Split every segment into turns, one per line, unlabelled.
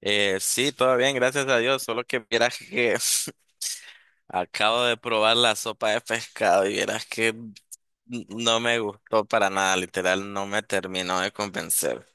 Sí, todo bien, gracias a Dios. Solo que vieras que acabo de probar la sopa de pescado y vieras que no me gustó para nada, literal, no me terminó de convencer.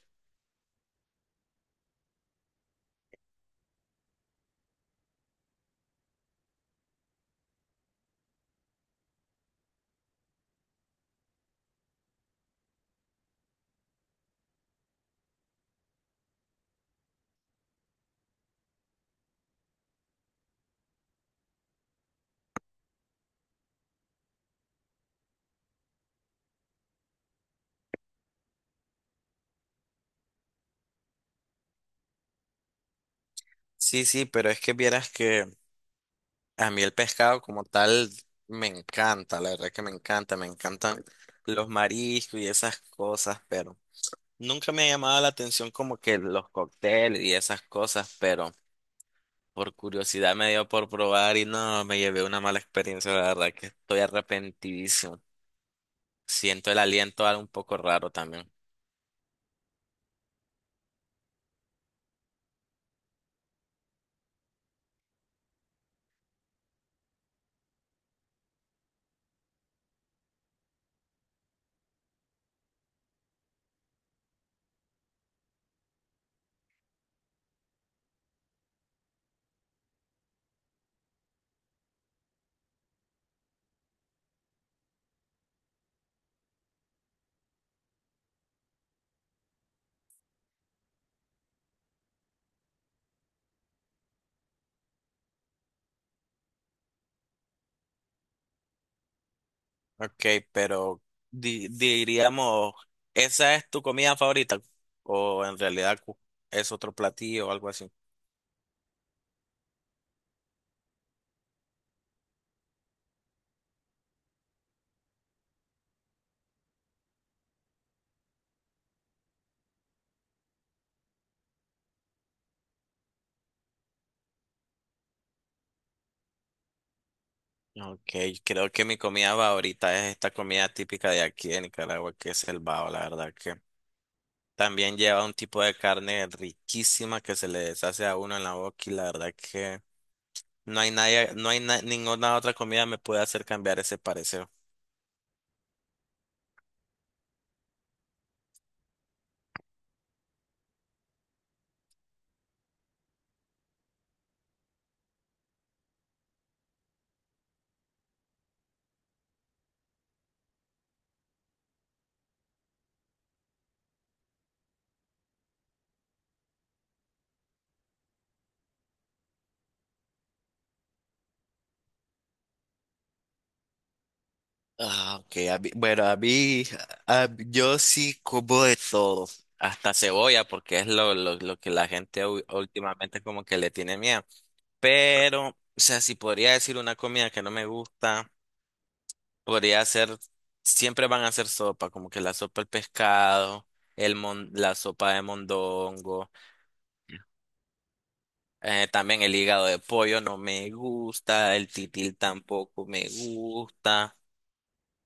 Sí, sí, pero es que vieras que a mí el pescado como tal me encanta, la verdad que me encanta, me encantan los mariscos y esas cosas, pero nunca me ha llamado la atención como que los cócteles y esas cosas, pero. Por curiosidad me dio por probar y no, me llevé una mala experiencia, la verdad que estoy arrepentidísimo. Siento el aliento algo un poco raro también. Ok, pero diríamos, ¿esa es tu comida favorita? ¿O en realidad es otro platillo o algo así? Ok, creo que mi comida favorita es esta comida típica de aquí de Nicaragua, que es el bao, la verdad que también lleva un tipo de carne riquísima que se le deshace a uno en la boca y la verdad que... No hay nadie, no hay ninguna otra comida me puede hacer cambiar ese parecer. Ah, ok. Bueno, a mí, yo sí como de todo. Hasta cebolla, porque es lo que la gente últimamente como que le tiene miedo. Pero, o sea, si podría decir una comida que no me gusta, podría ser, siempre van a ser sopa, como que la sopa del pescado, el la sopa de mondongo. También el hígado de pollo no me gusta, el titil tampoco me gusta.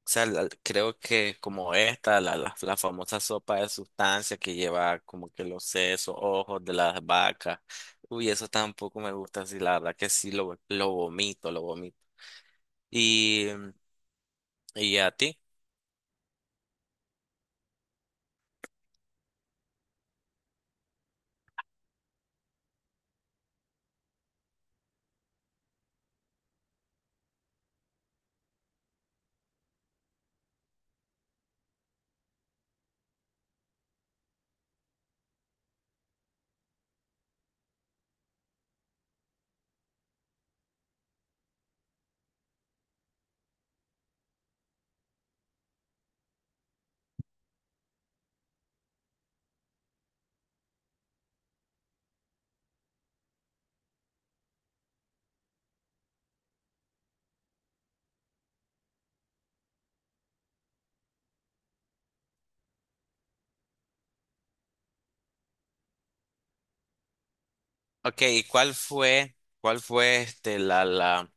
O sea, creo que como esta, la famosa sopa de sustancias que lleva como que los sesos, ojos de las vacas. Uy, eso tampoco me gusta, sí, la verdad que sí, lo vomito, lo vomito. Y, y a ti. Ok, cuál fue este,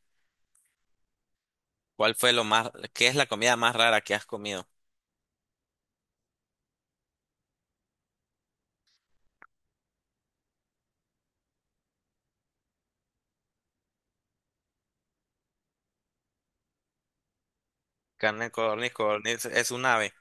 cuál fue lo más, ¿qué es la comida más rara que has comido? Carne de codorniz, codorniz, es un ave.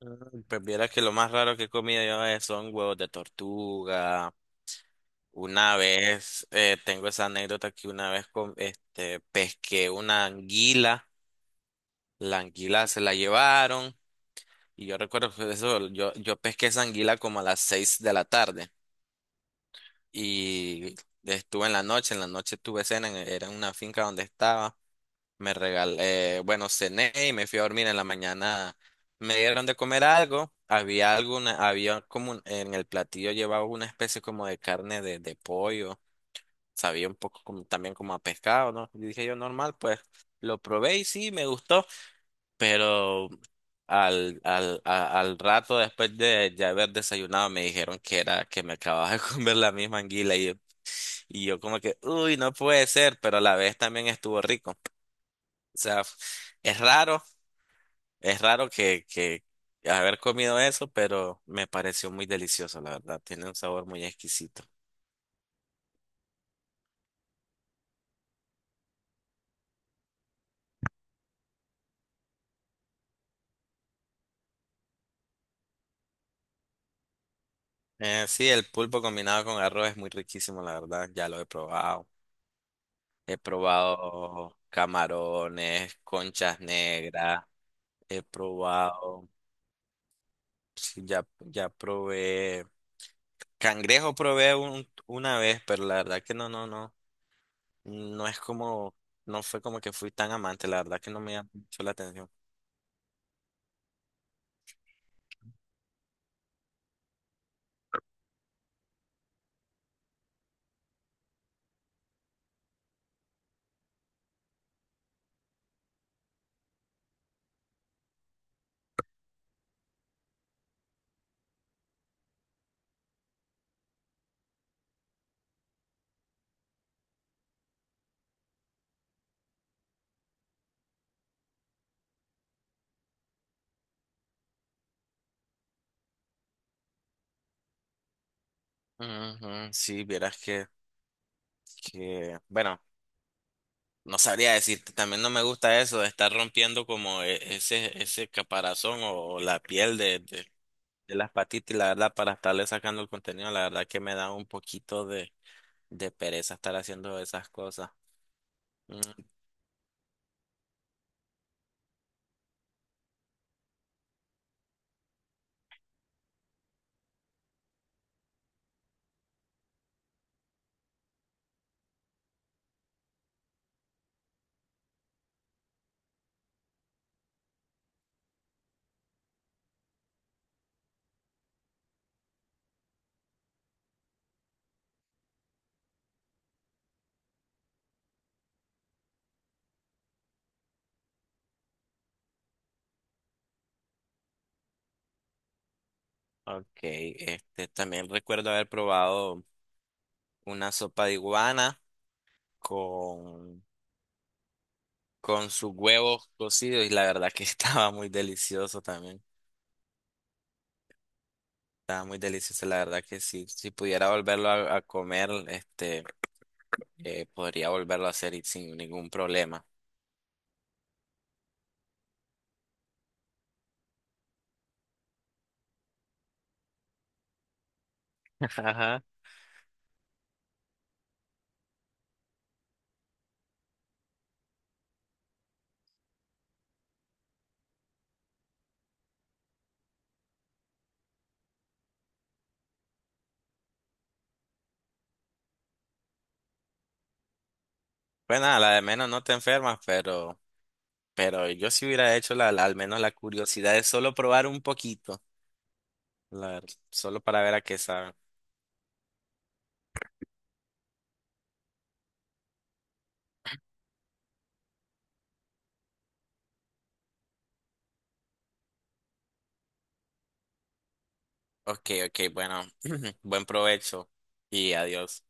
Mm, pues viera que lo más raro que he comido yo son huevos de tortuga. Una vez, tengo esa anécdota que una vez pesqué una anguila, la anguila se la llevaron y yo recuerdo que eso, yo pesqué esa anguila como a las 6 de la tarde y estuve en la noche tuve cena, era en una finca donde estaba. Me regalé, bueno, cené y me fui a dormir en la mañana. Me dieron de comer algo. Había alguna, había como en el platillo llevaba una especie como de carne de pollo. Sabía un poco como, también como a pescado, ¿no? Y dije yo, normal, pues lo probé y sí, me gustó. Pero al rato después de ya haber desayunado me dijeron que era que me acababa de comer la misma anguila y yo como que, uy, no puede ser, pero a la vez también estuvo rico. O sea, es raro. Es raro que haber comido eso, pero me pareció muy delicioso, la verdad. Tiene un sabor muy exquisito. Sí, el pulpo combinado con arroz es muy riquísimo, la verdad. Ya lo he probado. He probado camarones, conchas negras. He probado, sí, ya probé. Cangrejo probé una vez, pero la verdad que no. No es como, no fue como que fui tan amante, la verdad que no me llamó mucho la atención. Ujú, sí, vieras que. Que, bueno, no sabría decirte, también no me gusta eso de estar rompiendo como ese, ese caparazón o la piel de las patitas, y la verdad, para estarle sacando el contenido, la verdad que me da un poquito de pereza estar haciendo esas cosas. Mm, ok, este, también recuerdo haber probado una sopa de iguana con, con sus huevos cocidos y la verdad que estaba muy delicioso también. Estaba muy delicioso, la verdad que sí. Si pudiera volverlo a comer, este, podría volverlo a hacer y sin ningún problema. Ajá. Pues nada, la de menos no te enfermas, pero yo sí hubiera hecho al menos la curiosidad de solo probar un poquito, la- solo para ver a qué sabe. Ok, ok, bueno, buen provecho y adiós.